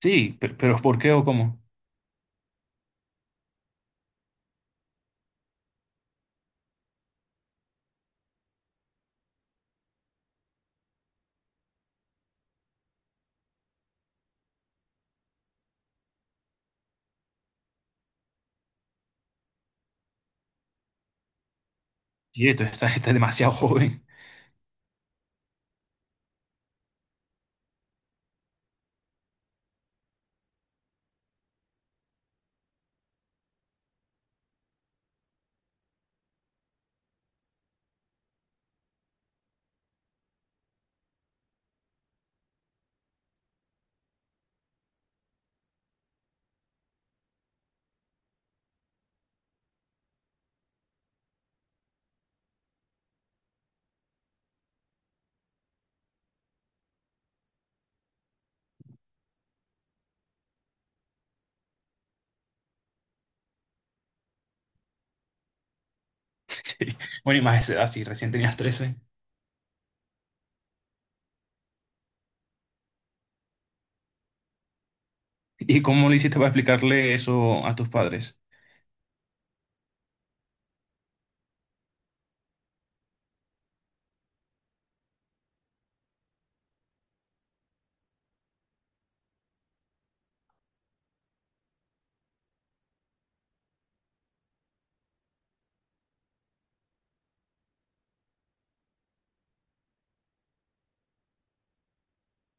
Sí, pero, ¿por qué o cómo? Y estás demasiado joven. Sí. Bueno, y más de esa edad, sí, recién tenías 13. ¿Y cómo lo hiciste para explicarle eso a tus padres?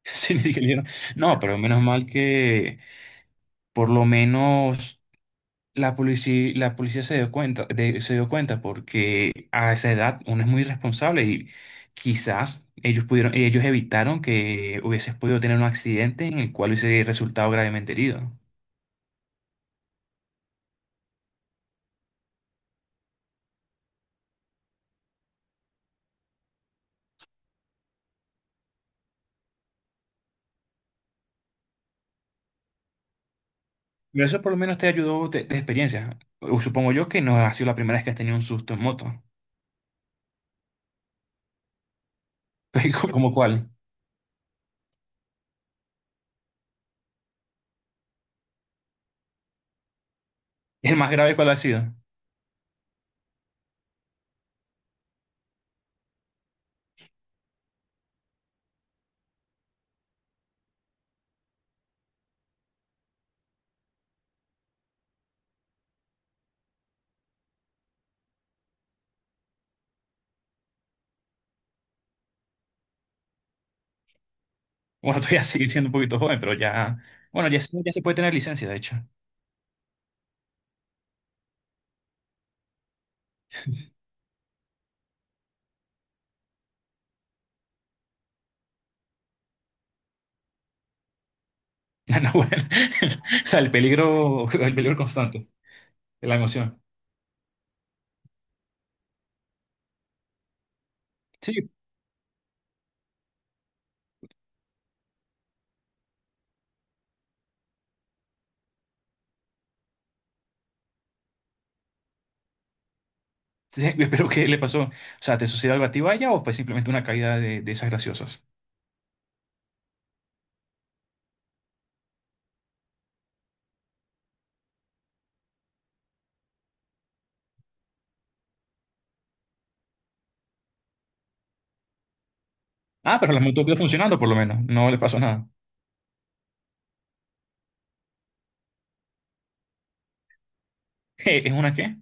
Sí, ni siquiera dijeron. No, pero menos mal que por lo menos la policía se dio cuenta, se dio cuenta porque a esa edad uno es muy irresponsable y quizás ellos evitaron que hubieses podido tener un accidente en el cual hubiese resultado gravemente herido. Pero eso por lo menos te ayudó de experiencia. O supongo yo que no ha sido la primera vez que has tenido un susto en moto. ¿Cómo cuál? ¿El más grave cuál ha sido? Bueno, todavía sigue siendo un poquito joven, pero ya... Bueno, ya, ya se puede tener licencia, de hecho. Ya no, bueno. O sea, el peligro constante, la emoción. Sí, sí, pero ¿qué le pasó? O sea, ¿te sucedió algo a ti, vaya, o fue simplemente una caída de esas graciosas? Ah, pero la moto quedó funcionando por lo menos. No le pasó nada. ¿Es una qué?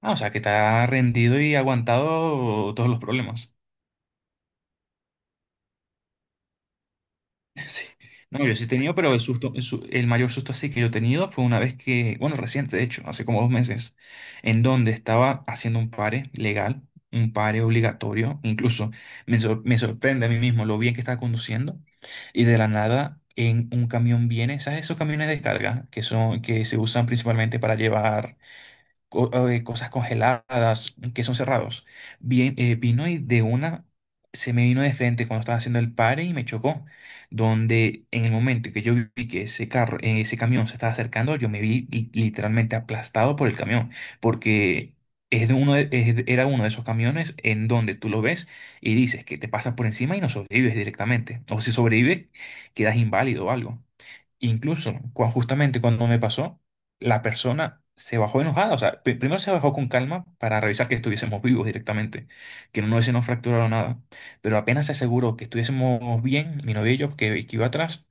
Ah, o sea, que está rendido y aguantado todos los problemas. Sí. No, yo sí he tenido, pero el susto, el mayor susto así que yo he tenido fue una vez que, bueno, reciente, de hecho, hace como 2 meses, en donde estaba haciendo un pare legal, un pare obligatorio, incluso me sorprende a mí mismo lo bien que estaba conduciendo, y de la nada en un camión viene, ¿sabes? Esos camiones de descarga que se usan principalmente para llevar cosas congeladas, quesos cerrados. Bien, vino y de una se me vino de frente cuando estaba haciendo el pare y me chocó. Donde en el momento que yo vi que ese carro, ese camión se estaba acercando, yo me vi literalmente aplastado por el camión, porque es de uno de- es de- era uno de esos camiones en donde tú lo ves y dices que te pasas por encima y no sobrevives directamente. O si sobrevives, quedas inválido o algo. Incluso, justamente cuando me pasó, la persona se bajó enojada. O sea, primero se bajó con calma para revisar que estuviésemos vivos directamente, que no nos hubiésemos fracturado nada. Pero apenas se aseguró que estuviésemos bien, mi novio y yo, que iba atrás,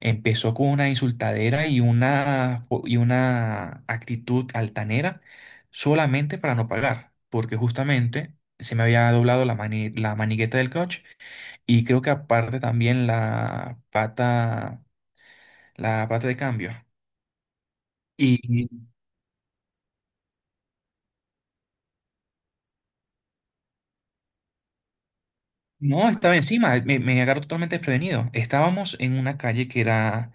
empezó con una insultadera y y una actitud altanera solamente para no pagar, porque justamente se me había doblado la manigueta del clutch y creo que aparte también la pata de cambio. Y no, estaba encima, me agarró totalmente desprevenido. Estábamos en una calle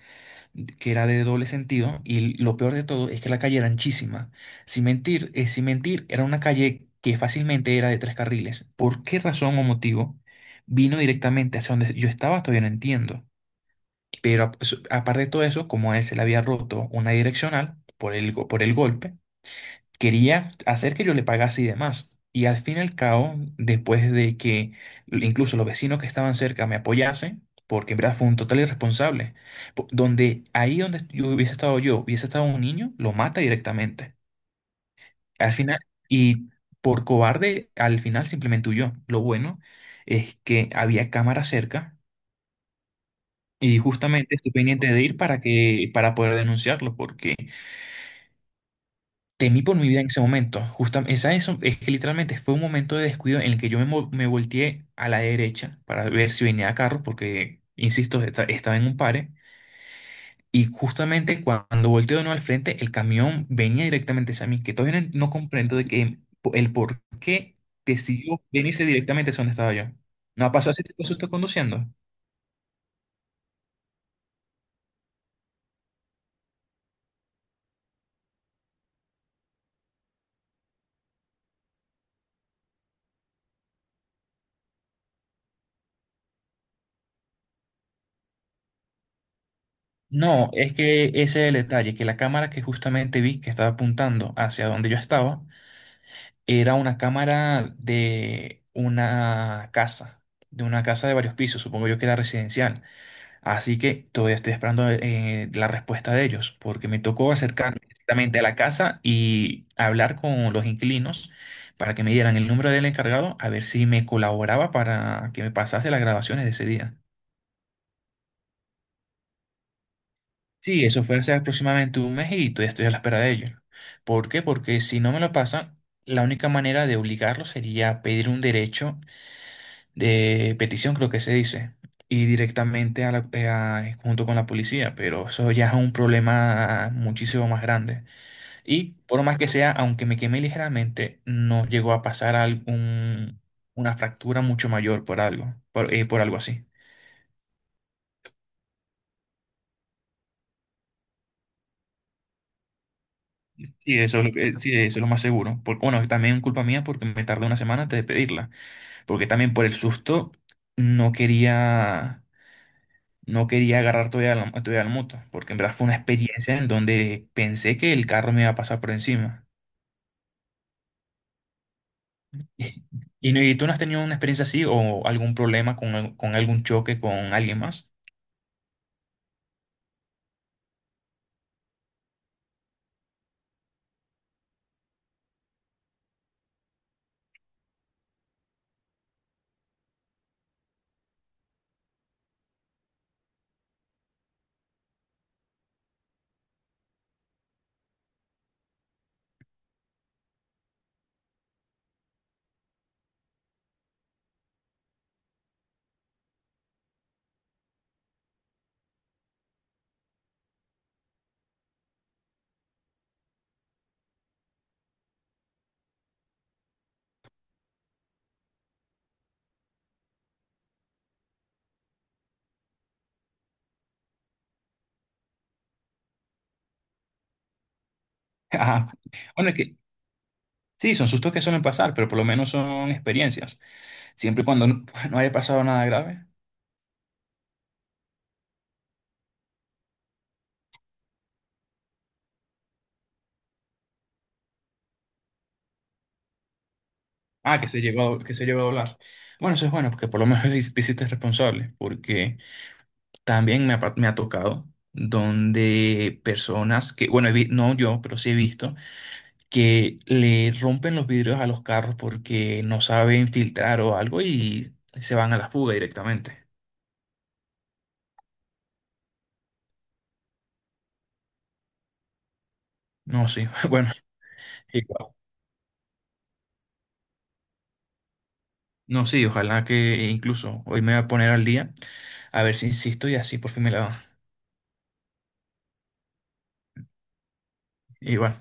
que era de doble sentido y lo peor de todo es que la calle era anchísima. Sin mentir, sin mentir, era una calle que fácilmente era de 3 carriles. ¿Por qué razón o motivo vino directamente hacia donde yo estaba? Todavía no entiendo. Pero aparte de todo eso, como a él se le había roto una direccional por el, por el golpe, quería hacer que yo le pagase y demás. Y al fin y al cabo, después de que incluso los vecinos que estaban cerca me apoyasen, porque en verdad fue un total irresponsable, donde ahí donde yo, hubiese estado un niño, lo mata directamente. Al final, y por cobarde, al final simplemente huyó. Lo bueno es que había cámara cerca y justamente estoy pendiente de ir para que, para poder denunciarlo, porque temí por mi vida en ese momento. Justamente, esa eso es que literalmente fue un momento de descuido en el que me volteé a la derecha para ver si venía carro, porque, insisto, estaba en un pare. Y justamente cuando volteo de nuevo al frente, el camión venía directamente hacia mí, que todavía no no comprendo de que el por qué decidió venirse directamente hacia donde estaba yo. ¿No ha pasado ese tipo de susto conduciendo? No, es que ese es el detalle, que la cámara que justamente vi que estaba apuntando hacia donde yo estaba, era una cámara de una casa, de una casa de varios pisos, supongo yo que era residencial. Así que todavía estoy esperando la respuesta de ellos, porque me tocó acercarme directamente a la casa y hablar con los inquilinos para que me dieran el número del encargado, a ver si me colaboraba para que me pasase las grabaciones de ese día. Sí, eso fue hace aproximadamente 1 mes y todavía estoy a la espera de ellos. ¿Por qué? Porque si no me lo pasan, la única manera de obligarlo sería pedir un derecho de petición, creo que se dice, y directamente a junto con la policía, pero eso ya es un problema muchísimo más grande. Y por más que sea, aunque me quemé ligeramente, no llegó a pasar algún, una fractura mucho mayor por algo, por algo así. Sí, eso es lo que- sí, eso es lo más seguro. Porque, bueno, también culpa mía porque me tardé 1 semana antes de pedirla, porque también por el susto no quería. No quería agarrar todavía la moto, porque en verdad fue una experiencia en donde pensé que el carro me iba a pasar por encima. ¿Y, y tú no has tenido una experiencia así o algún problema con algún choque con alguien más? Ah, bueno, es que sí, son sustos que suelen pasar, pero por lo menos son experiencias. Siempre y cuando no, no haya pasado nada grave. Ah, que se llegó, que se llegó a hablar. Bueno, eso es bueno, porque por lo menos te hiciste responsable, porque también me ha tocado donde personas que, bueno, no yo, pero sí he visto que le rompen los vidrios a los carros porque no saben filtrar o algo y se van a la fuga directamente. No, sí, bueno, igual. No, sí, ojalá que incluso hoy me voy a poner al día a ver si insisto y así por fin me la dan. Igual.